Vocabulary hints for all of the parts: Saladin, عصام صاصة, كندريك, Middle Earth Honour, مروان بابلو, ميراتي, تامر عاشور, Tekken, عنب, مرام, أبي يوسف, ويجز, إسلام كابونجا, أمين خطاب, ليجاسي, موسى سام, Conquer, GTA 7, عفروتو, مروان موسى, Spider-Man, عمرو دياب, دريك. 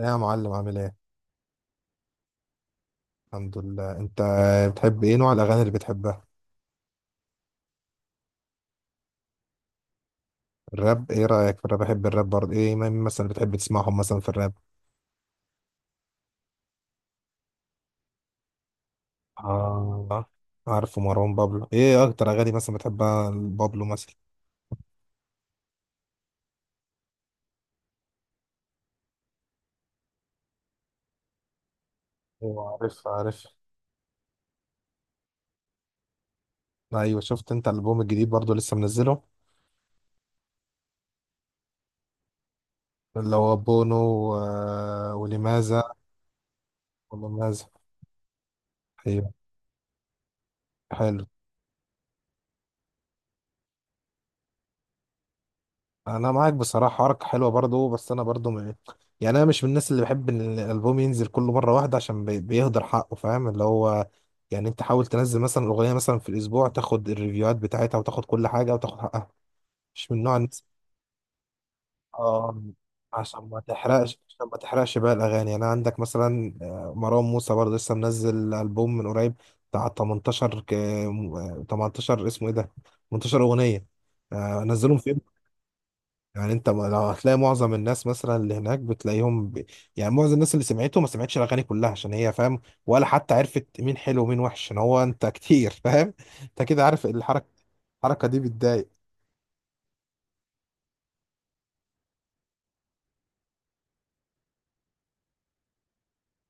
يا معلم عامل ايه؟ الحمد لله، انت بتحب ايه؟ نوع الاغاني اللي بتحبها الراب؟ ايه رايك في الراب؟ بحب الراب برضه. ايه مين مثلا بتحب تسمعهم مثلا في الراب؟ اه عارف مروان بابلو. ايه اكتر اغاني مثلا بتحبها بابلو مثلا؟ ايوه عارف. ايوه شفت انت الالبوم الجديد برضه لسه منزله؟ اللي هو بونو و... ولماذا؟ ولماذا؟ ايوه حلو. انا معاك بصراحه، حوارك حلوه برضو، بس انا برضو م... يعني انا مش من الناس اللي بحب ان الالبوم ينزل كل مره واحده، عشان بي... بيهدر حقه، فاهم؟ اللي هو يعني انت حاول تنزل مثلا اغنيه مثلا في الاسبوع، تاخد الريفيوهات بتاعتها وتاخد كل حاجه وتاخد حقها. مش من نوع الناس. اه عشان ما تحرقش، عشان ما تحرقش بقى الاغاني. يعني انا عندك مثلا مروان موسى برضو لسه منزل البوم من قريب، بتاع 18 ك... 18 اسمه ايه ده؟ 18 اغنيه. نزلهم في. يعني انت لو هتلاقي معظم الناس مثلا اللي هناك بتلاقيهم ب... يعني معظم الناس اللي سمعته ما سمعتش الاغاني كلها، عشان هي، فاهم؟ ولا حتى عرفت مين حلو ومين وحش، عشان هو انت كتير فاهم. انت كده عارف الحركه. الحركه دي بتضايق.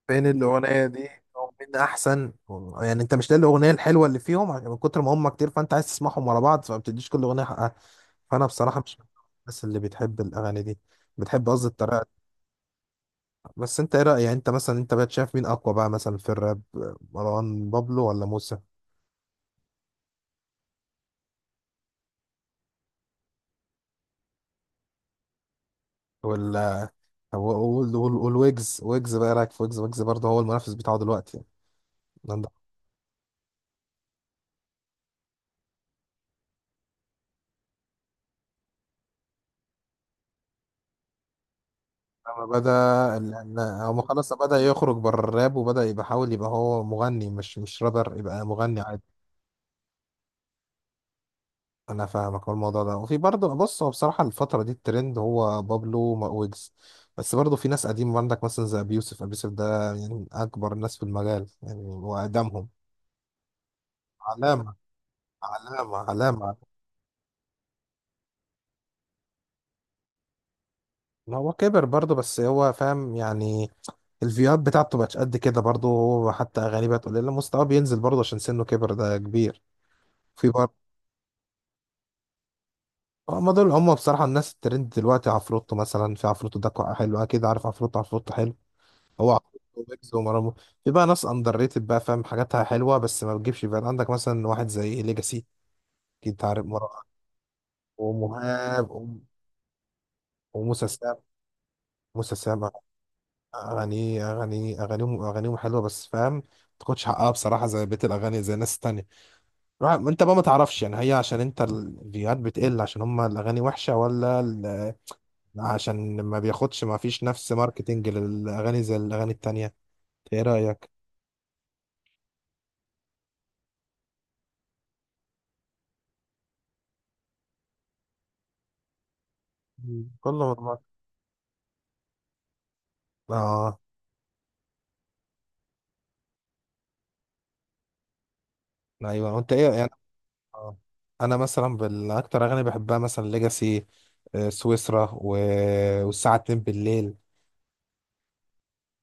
فين الاغنيه دي او مين احسن؟ يعني انت مش لاقي الاغنيه الحلوه اللي فيهم، عشان من كتر ما هم كتير، فانت عايز تسمعهم ورا بعض، فما بتديش كل اغنيه حقها. فانا بصراحه مش من الناس اللي بتحب الاغاني دي، بتحب قصدي الطريقه. بس انت ايه رأيك؟ يعني انت مثلا، انت بقى شايف مين اقوى بقى مثلا في الراب؟ مروان بابلو ولا موسى ولا؟ طب والويجز، ويجز بقى ايه رأيك في ويجز؟ ويجز برضه هو المنافس بتاعه دلوقتي يعني عندك. لما بدأ، لما هو خلاص بدأ يخرج بره الراب وبدأ يبقى، حاول يبقى هو مغني، مش رابر، يبقى مغني عادي. انا فاهمك. هو الموضوع ده، وفي برضه، بص، هو بصراحة الفترة دي الترند هو بابلو مع ويجز، بس برضه في ناس قديمة عندك مثلا زي ابي يوسف. ابي يوسف ده يعني اكبر ناس في المجال، يعني هو اقدمهم. علامة. علامة. ما هو كبر برضه، بس هو فاهم يعني. الفيوات بتاعته بقتش قد كده برضه، هو حتى أغانيه بقت قليلة، مستواه بينزل برضه عشان سنه كبر، ده كبير. في برضه. هما دول هما بصراحة الناس الترند دلوقتي. عفروتو مثلا، في عفروتو ده كو- حلو. أكيد عارف عفروتو. عفروتو حلو. هو عفروتو، ويجز، ومرامو. في بقى ناس أندر ريتد بقى، فاهم، حاجاتها حلوة بس ما بتجيبش بقى. عندك مثلا واحد زي ليجاسي. أكيد عارف مرام ومهاب وم- وموسى سام. موسى سام، اغاني اغانيهم حلوه، بس فاهم ما تاخدش حقها بصراحه، زي بيت الاغاني زي الناس التانية. روح- انت بقى ما تعرفش يعني، هي عشان انت الفيوهات بتقل عشان هم الاغاني وحشه ولا ال- عشان ما بياخدش، ما فيش نفس ماركتنج للاغاني زي الاغاني التانية؟ ايه رايك؟ كله مضمون. اه. ايوه. وانت ايه يعني؟ آه. انا مثلا بالاكتر اغاني بحبها مثلا ليجاسي، سويسرا و... والساعه 2 بالليل،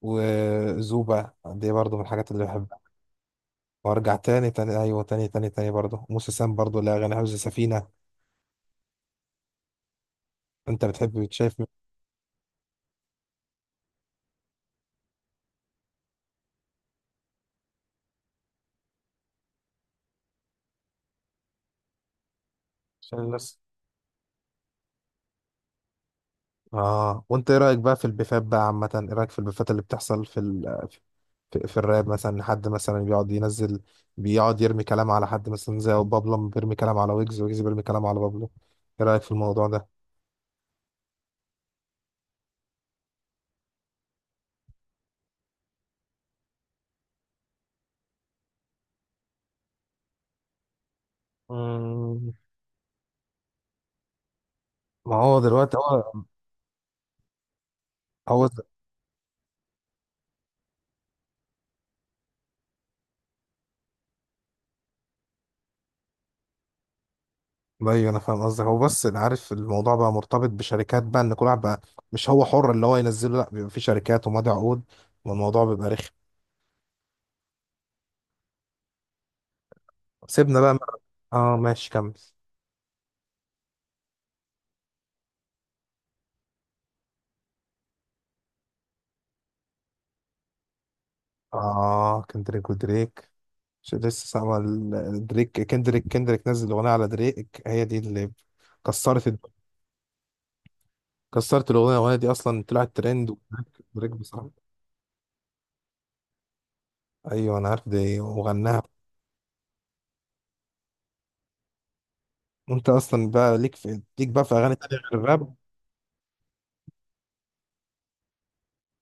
وزوبا دي برضو من الحاجات اللي وارجع تاني تاني. ايوه تاني تاني تاني برضه. موسى سام برضه، لا اغاني حفظ سفينه. انت بتحب بتشايف من عشان الناس. اه وانت ايه رايك بقى في البيفات بقى عامه؟ ايه رايك في البيفات اللي بتحصل في ال... في الراب، مثلا حد مثلا بيقعد ينزل، بيقعد يرمي كلام على حد، مثلا زي بابلو بيرمي كلام على ويجز، ويجز بيرمي كلام على بابلو. ايه رايك في الموضوع ده؟ مم. ما هو دلوقتي هو. ايوه انا فاهم قصدك. هو بس انا عارف الموضوع بقى مرتبط بشركات بقى، ان كل واحد بقى مش هو حر اللي هو ينزله، لا بيبقى في شركات ومضي عقود، والموضوع بيبقى رخم. سيبنا بقى. اه ماشي كمل. اه كندريك ودريك. مش لسه سامع ال- دريك، كندريك، كندريك نزل اغنيه على دريك، هي دي اللي كسرت الد- كسرت الاغنيه. الاغنيه دي اصلا طلعت ترند. ودريك، دريك بصراحه. ايوه انا عارف دي، وغناها. وانت اصلا بقى ليك في، ليك بقى في اغاني تانية غير الراب؟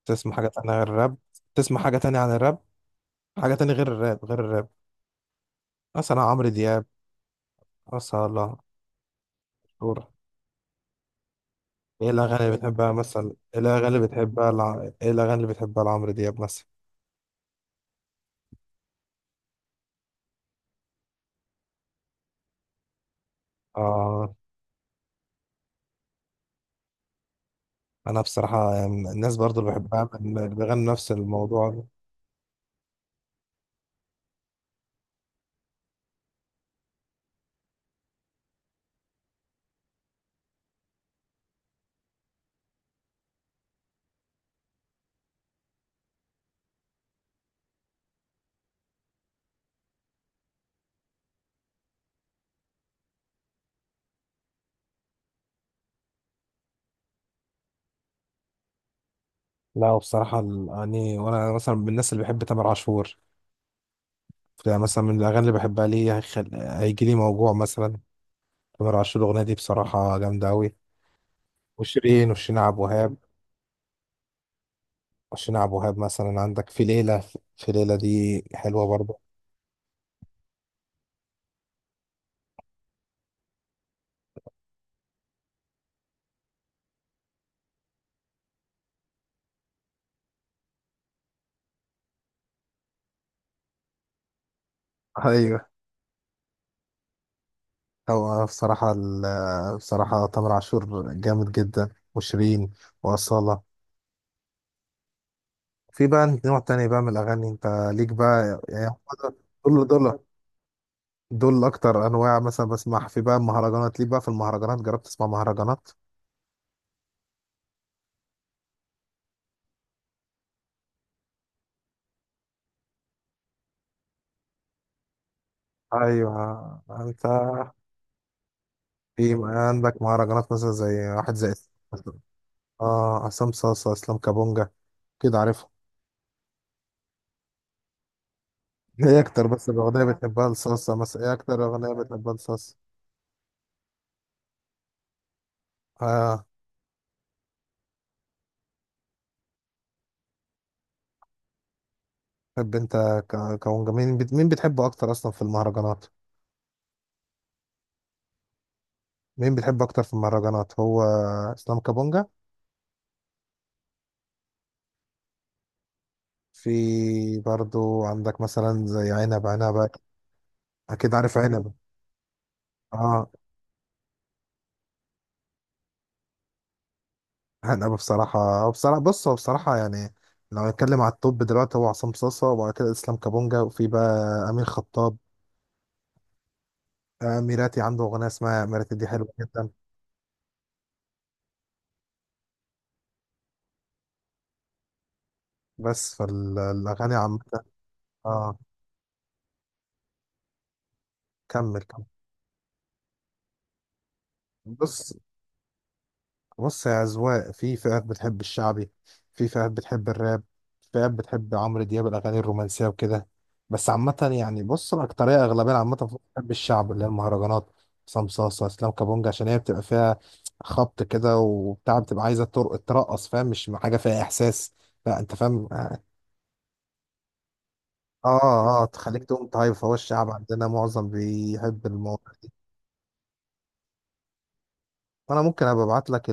تسمع حاجه تانية غير الراب؟ تسمع حاجه تانية عن الراب؟ حاجة تانية غير الراب، غير الراب، مثلا عمرو دياب مثلا؟ شهور. ايه الأغاني اللي بتحبها مثلا؟ ايه الأغاني اللي بتحبها لع... ايه الأغاني اللي بتحبها لعمرو دياب مثلا؟ آه. أنا بصراحة يعني الناس برضو اللي بحبها بن- بيغنوا نفس الموضوع ده. لا وبصراحة الأغاني، وأنا مثلا من الناس اللي بحب تامر عاشور. فمثلا من الأغاني اللي بحبها ليه، هيخل... هيجي لي موجوع مثلا، تامر عاشور. الأغنية دي بصراحة جامدة أوي. وشيرين، وشيرين عبد الوهاب. وشيرين عبد الوهاب مثلا عندك في ليلة. في ليلة دي حلوة برضه. ايوه. هو بصراحة ال- بصراحة تامر عاشور جامد جدا، وشيرين، وأصالة. في بقى نوع تاني بقى من الأغاني أنت ليك بقى يعني هو دول. دول أكتر أنواع مثلا بسمعها. في بقى المهرجانات ليك بقى؟ في المهرجانات جربت تسمع مهرجانات؟ أيوه. أنت في عندك مهرجانات مثلا زي واحد زي آه عصام صاصة، إسلام كابونجا، كده عارفهم؟ إيه أكتر بس الأغنية بتحبها لصاصة مثلا؟ إيه أكتر أغنية بتحبها لصاصة؟ آه. طب انت ك- كمغني مين بت- مين بتحبه اكتر اصلا في المهرجانات؟ مين بتحبه اكتر في المهرجانات؟ هو اسلام كابونجا. في برضو عندك مثلا زي عنب. عنب، اكيد عارف عنب. اه عنب بصراحه، هو بصراحه، بص هو بصراحه يعني لو هنتكلم على التوب دلوقتي، هو عصام صاصا، وبعد كده اسلام كابونجا، وفي بقى امين خطاب. ميراتي عنده اغنيه اسمها ميراتي، دي حلوه جدا. بس فالاغاني عامه. اه كمل كمل. بص، بص يا أذواق. في فئات بتحب الشعبي، في فئات بتحب الراب، في فئات بتحب عمرو دياب، الأغاني الرومانسية وكده. بس عامة يعني، بص، الأكترية أغلبية عامة بتحب الشعب اللي هي المهرجانات. عصام صاصة، إسلام كابونجا، عشان هي بتبقى فيها خبط كده وبتاع، بتبقى عايزة ترق- ترقص، فاهم؟ مش حاجة فيها إحساس، لا أنت فاهم، آه. آه تخليك تقوم. طيب. فهو الشعب عندنا معظم بيحب المواضيع دي. وأنا ممكن أبقى أبعت لك.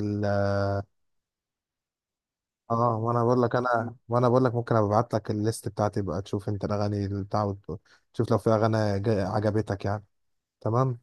اه وانا بقول لك، انا بقول لك ممكن ابعت لك الليست بتاعتي بقى، تشوف انت الاغاني اللي بتاع، وت- تشوف لو في اغاني جا- عجبتك يعني. تمام.